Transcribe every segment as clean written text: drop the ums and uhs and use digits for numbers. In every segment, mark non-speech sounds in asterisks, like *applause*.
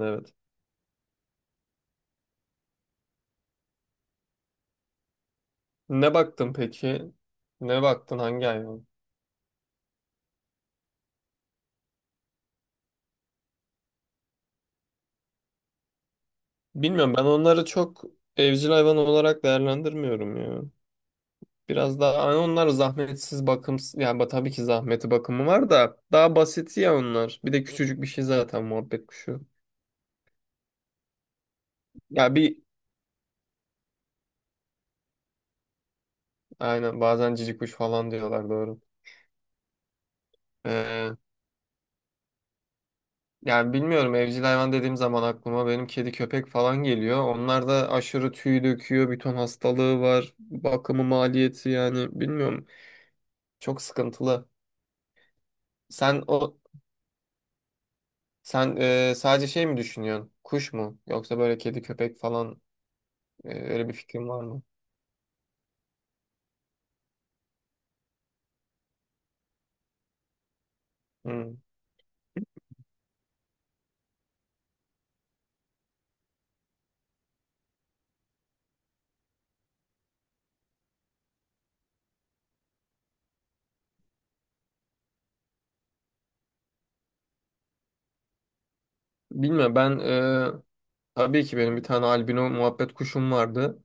Evet. Ne baktın peki? Ne baktın hangi hayvan? Bilmiyorum, ben onları çok evcil hayvan olarak değerlendirmiyorum ya. Biraz daha hani onlar zahmetsiz bakım yani tabii ki zahmeti bakımı var da daha basiti ya onlar. Bir de küçücük bir şey zaten muhabbet kuşu. Ya aynen, bazen cici kuş falan diyorlar, doğru. Ee, yani bilmiyorum, evcil hayvan dediğim zaman aklıma benim kedi köpek falan geliyor. Onlar da aşırı tüy döküyor, bir ton hastalığı var, bakımı maliyeti, yani bilmiyorum. Çok sıkıntılı. Sen o sen sadece şey mi düşünüyorsun? Kuş mu? Yoksa böyle kedi köpek falan öyle bir fikrin var mı? Hmm. Bilmiyorum ben, tabii ki benim bir tane albino muhabbet kuşum vardı.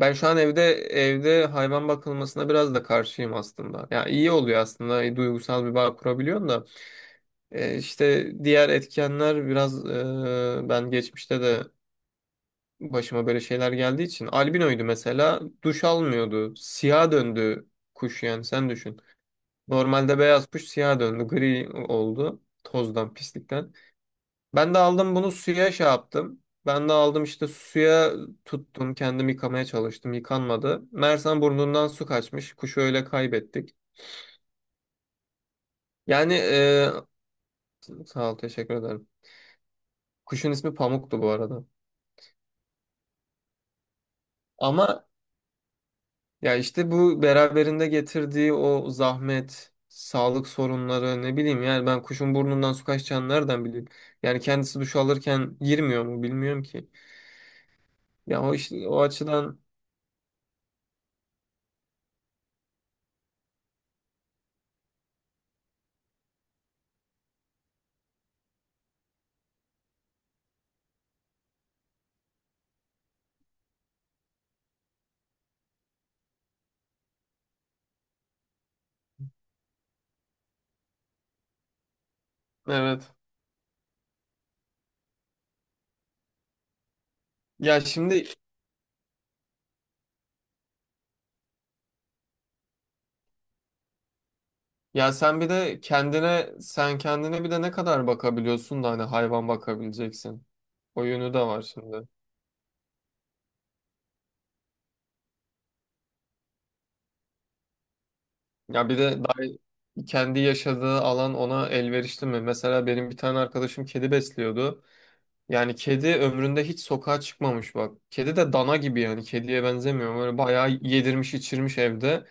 Ben şu an evde hayvan bakılmasına biraz da karşıyım aslında. Ya iyi oluyor aslında, duygusal bir bağ kurabiliyorsun da. E, işte diğer etkenler biraz, ben geçmişte de başıma böyle şeyler geldiği için. Albinoydu mesela. Duş almıyordu. Siyah döndü kuş, yani sen düşün. Normalde beyaz kuş siyah döndü. Gri oldu. Tozdan, pislikten. Ben de aldım bunu suya şey yaptım. Ben de aldım işte suya tuttum. Kendim yıkamaya çalıştım. Yıkanmadı. Mersem burnundan su kaçmış. Kuşu öyle kaybettik. Yani, sağ ol, teşekkür ederim. Kuşun ismi Pamuk'tu bu arada. Ama Ya işte bu beraberinde getirdiği o zahmet, sağlık sorunları, ne bileyim, yani ben kuşun burnundan su kaçacağını nereden bileyim? Yani kendisi duş alırken girmiyor mu, bilmiyorum ki. Ya o işte o açıdan, evet. Ya şimdi ya sen bir de kendine sen kendine bir de ne kadar bakabiliyorsun da hani hayvan bakabileceksin. O yönü de var şimdi. Ya bir de daha kendi yaşadığı alan ona elverişli mi? Mesela benim bir tane arkadaşım kedi besliyordu. Yani kedi ömründe hiç sokağa çıkmamış, bak. Kedi de dana gibi, yani kediye benzemiyor. Böyle bayağı yedirmiş içirmiş evde.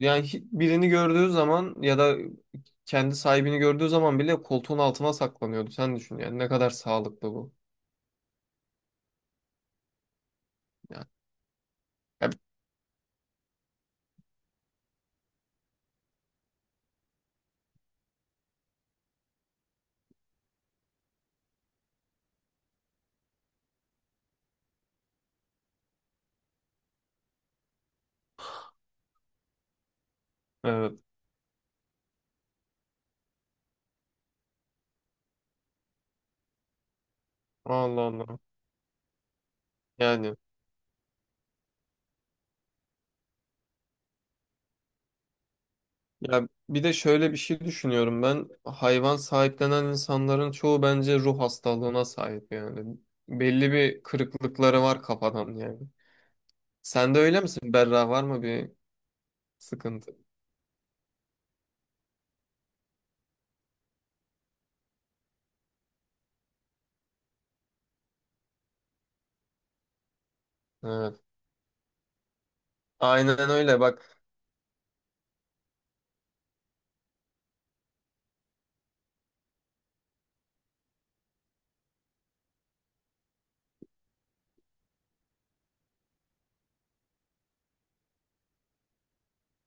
Yani birini gördüğü zaman ya da kendi sahibini gördüğü zaman bile koltuğun altına saklanıyordu. Sen düşün yani ne kadar sağlıklı bu. Yani, hep- evet. Allah Allah. Yani, ya bir de şöyle bir şey düşünüyorum ben. Hayvan sahiplenen insanların çoğu bence ruh hastalığına sahip yani. Belli bir kırıklıkları var kafadan yani. Sen de öyle misin? Berra, var mı bir sıkıntı? Evet. Aynen öyle. Bak,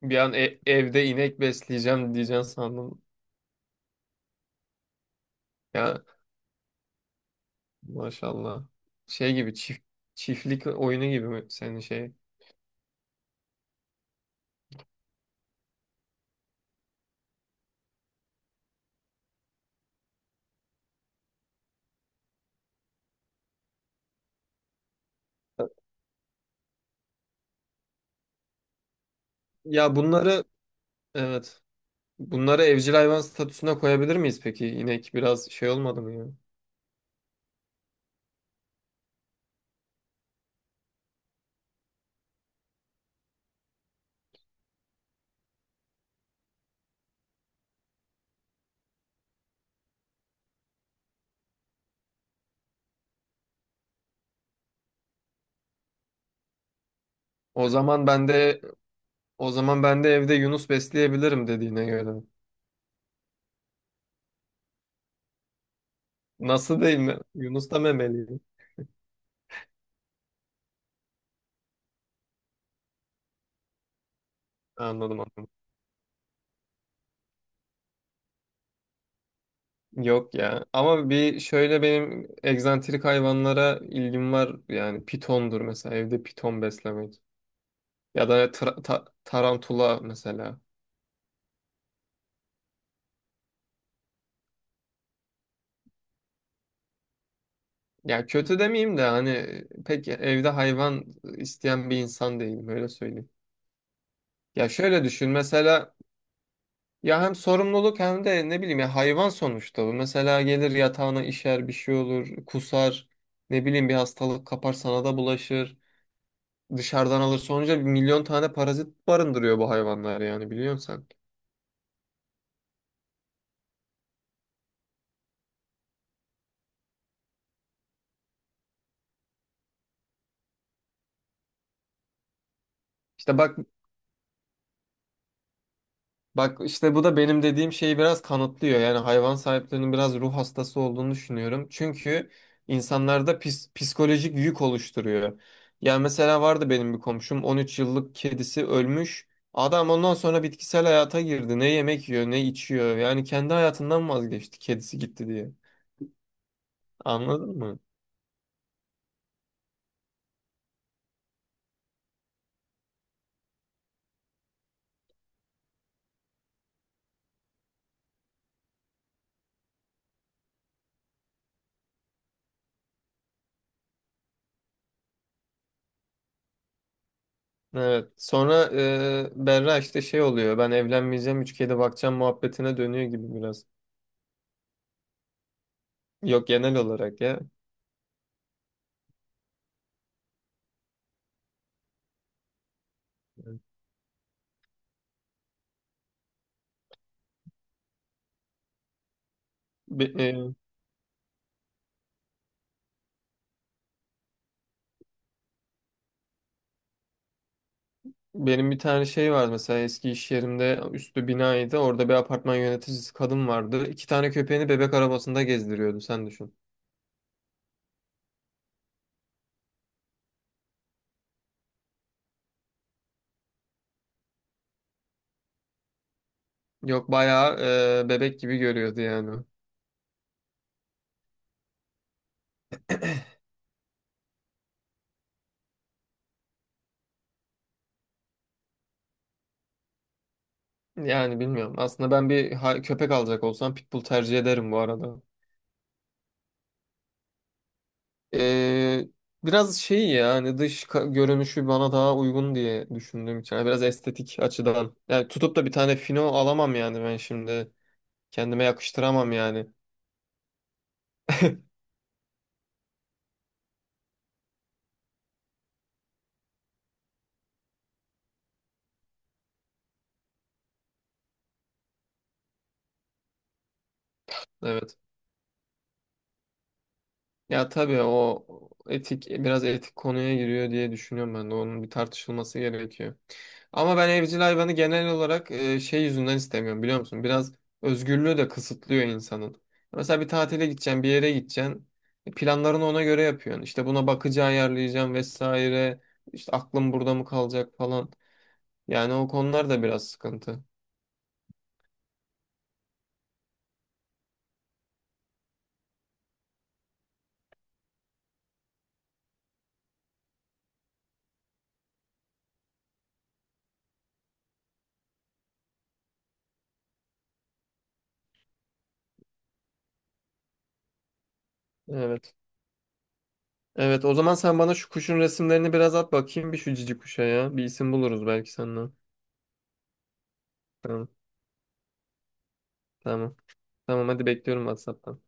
evde inek besleyeceğim diyeceksin sandım. Ya maşallah. Şey gibi, çiftlik oyunu gibi mi senin şey? Ya bunları Evet. Bunları evcil hayvan statüsüne koyabilir miyiz peki? İnek biraz şey olmadı mı ya? O zaman ben de o zaman ben de evde Yunus besleyebilirim dediğine göre. Nasıl, değil mi? Yunus da memeliyim. Anladım. Yok ya. Ama bir şöyle benim egzantrik hayvanlara ilgim var. Yani pitondur mesela, evde piton beslemek. Ya da tarantula mesela. Ya, kötü demeyeyim de hani pek evde hayvan isteyen bir insan değilim, öyle söyleyeyim. Ya şöyle düşün mesela, ya hem sorumluluk hem de ne bileyim, ya hayvan sonuçta bu. Mesela gelir yatağına işer, bir şey olur, kusar, ne bileyim, bir hastalık kapar, sana da bulaşır. Dışarıdan alırsa olunca bir milyon tane parazit barındırıyor bu hayvanlar, yani biliyorsun sen. İşte bak, bak işte bu da benim dediğim şeyi biraz kanıtlıyor. Yani hayvan sahiplerinin biraz ruh hastası olduğunu düşünüyorum. Çünkü insanlarda psikolojik yük oluşturuyor. Yani mesela vardı benim bir komşum, 13 yıllık kedisi ölmüş. Adam ondan sonra bitkisel hayata girdi. Ne yemek yiyor, ne içiyor. Yani kendi hayatından vazgeçti, kedisi gitti diye. Anladın mı? Evet. Sonra Berra, işte şey oluyor. Ben evlenmeyeceğim, üç kedi bakacağım muhabbetine dönüyor gibi biraz. Yok, genel olarak ya. Evet. Be- e, benim bir tane şey var mesela, eski iş yerimde üstü binaydı. Orada bir apartman yöneticisi kadın vardı. İki tane köpeğini bebek arabasında gezdiriyordu. Sen düşün. Yok, bayağı bebek gibi görüyordu yani. Yani bilmiyorum. Aslında ben köpek alacak olsam pitbull tercih ederim bu arada. Ee, biraz şey, ya hani görünüşü bana daha uygun diye düşündüğüm için. Yani biraz estetik açıdan. Yani tutup da bir tane fino alamam yani ben şimdi. Kendime yakıştıramam yani. *laughs* Evet. Ya, tabii o etik, biraz etik konuya giriyor diye düşünüyorum, ben de onun bir tartışılması gerekiyor. Ama ben evcil hayvanı genel olarak, şey yüzünden istemiyorum biliyor musun? Biraz özgürlüğü de kısıtlıyor insanın. Mesela bir tatile gideceksin, bir yere gideceksin. E, planlarını ona göre yapıyorsun. İşte buna bakıcı ayarlayacağım vesaire. İşte aklım burada mı kalacak falan. Yani o konular da biraz sıkıntı. Evet. Evet, o zaman sen bana şu kuşun resimlerini biraz at bakayım, bir şu cici kuşa ya. Bir isim buluruz belki senden. Tamam, tamam. Tamam, hadi bekliyorum WhatsApp'tan.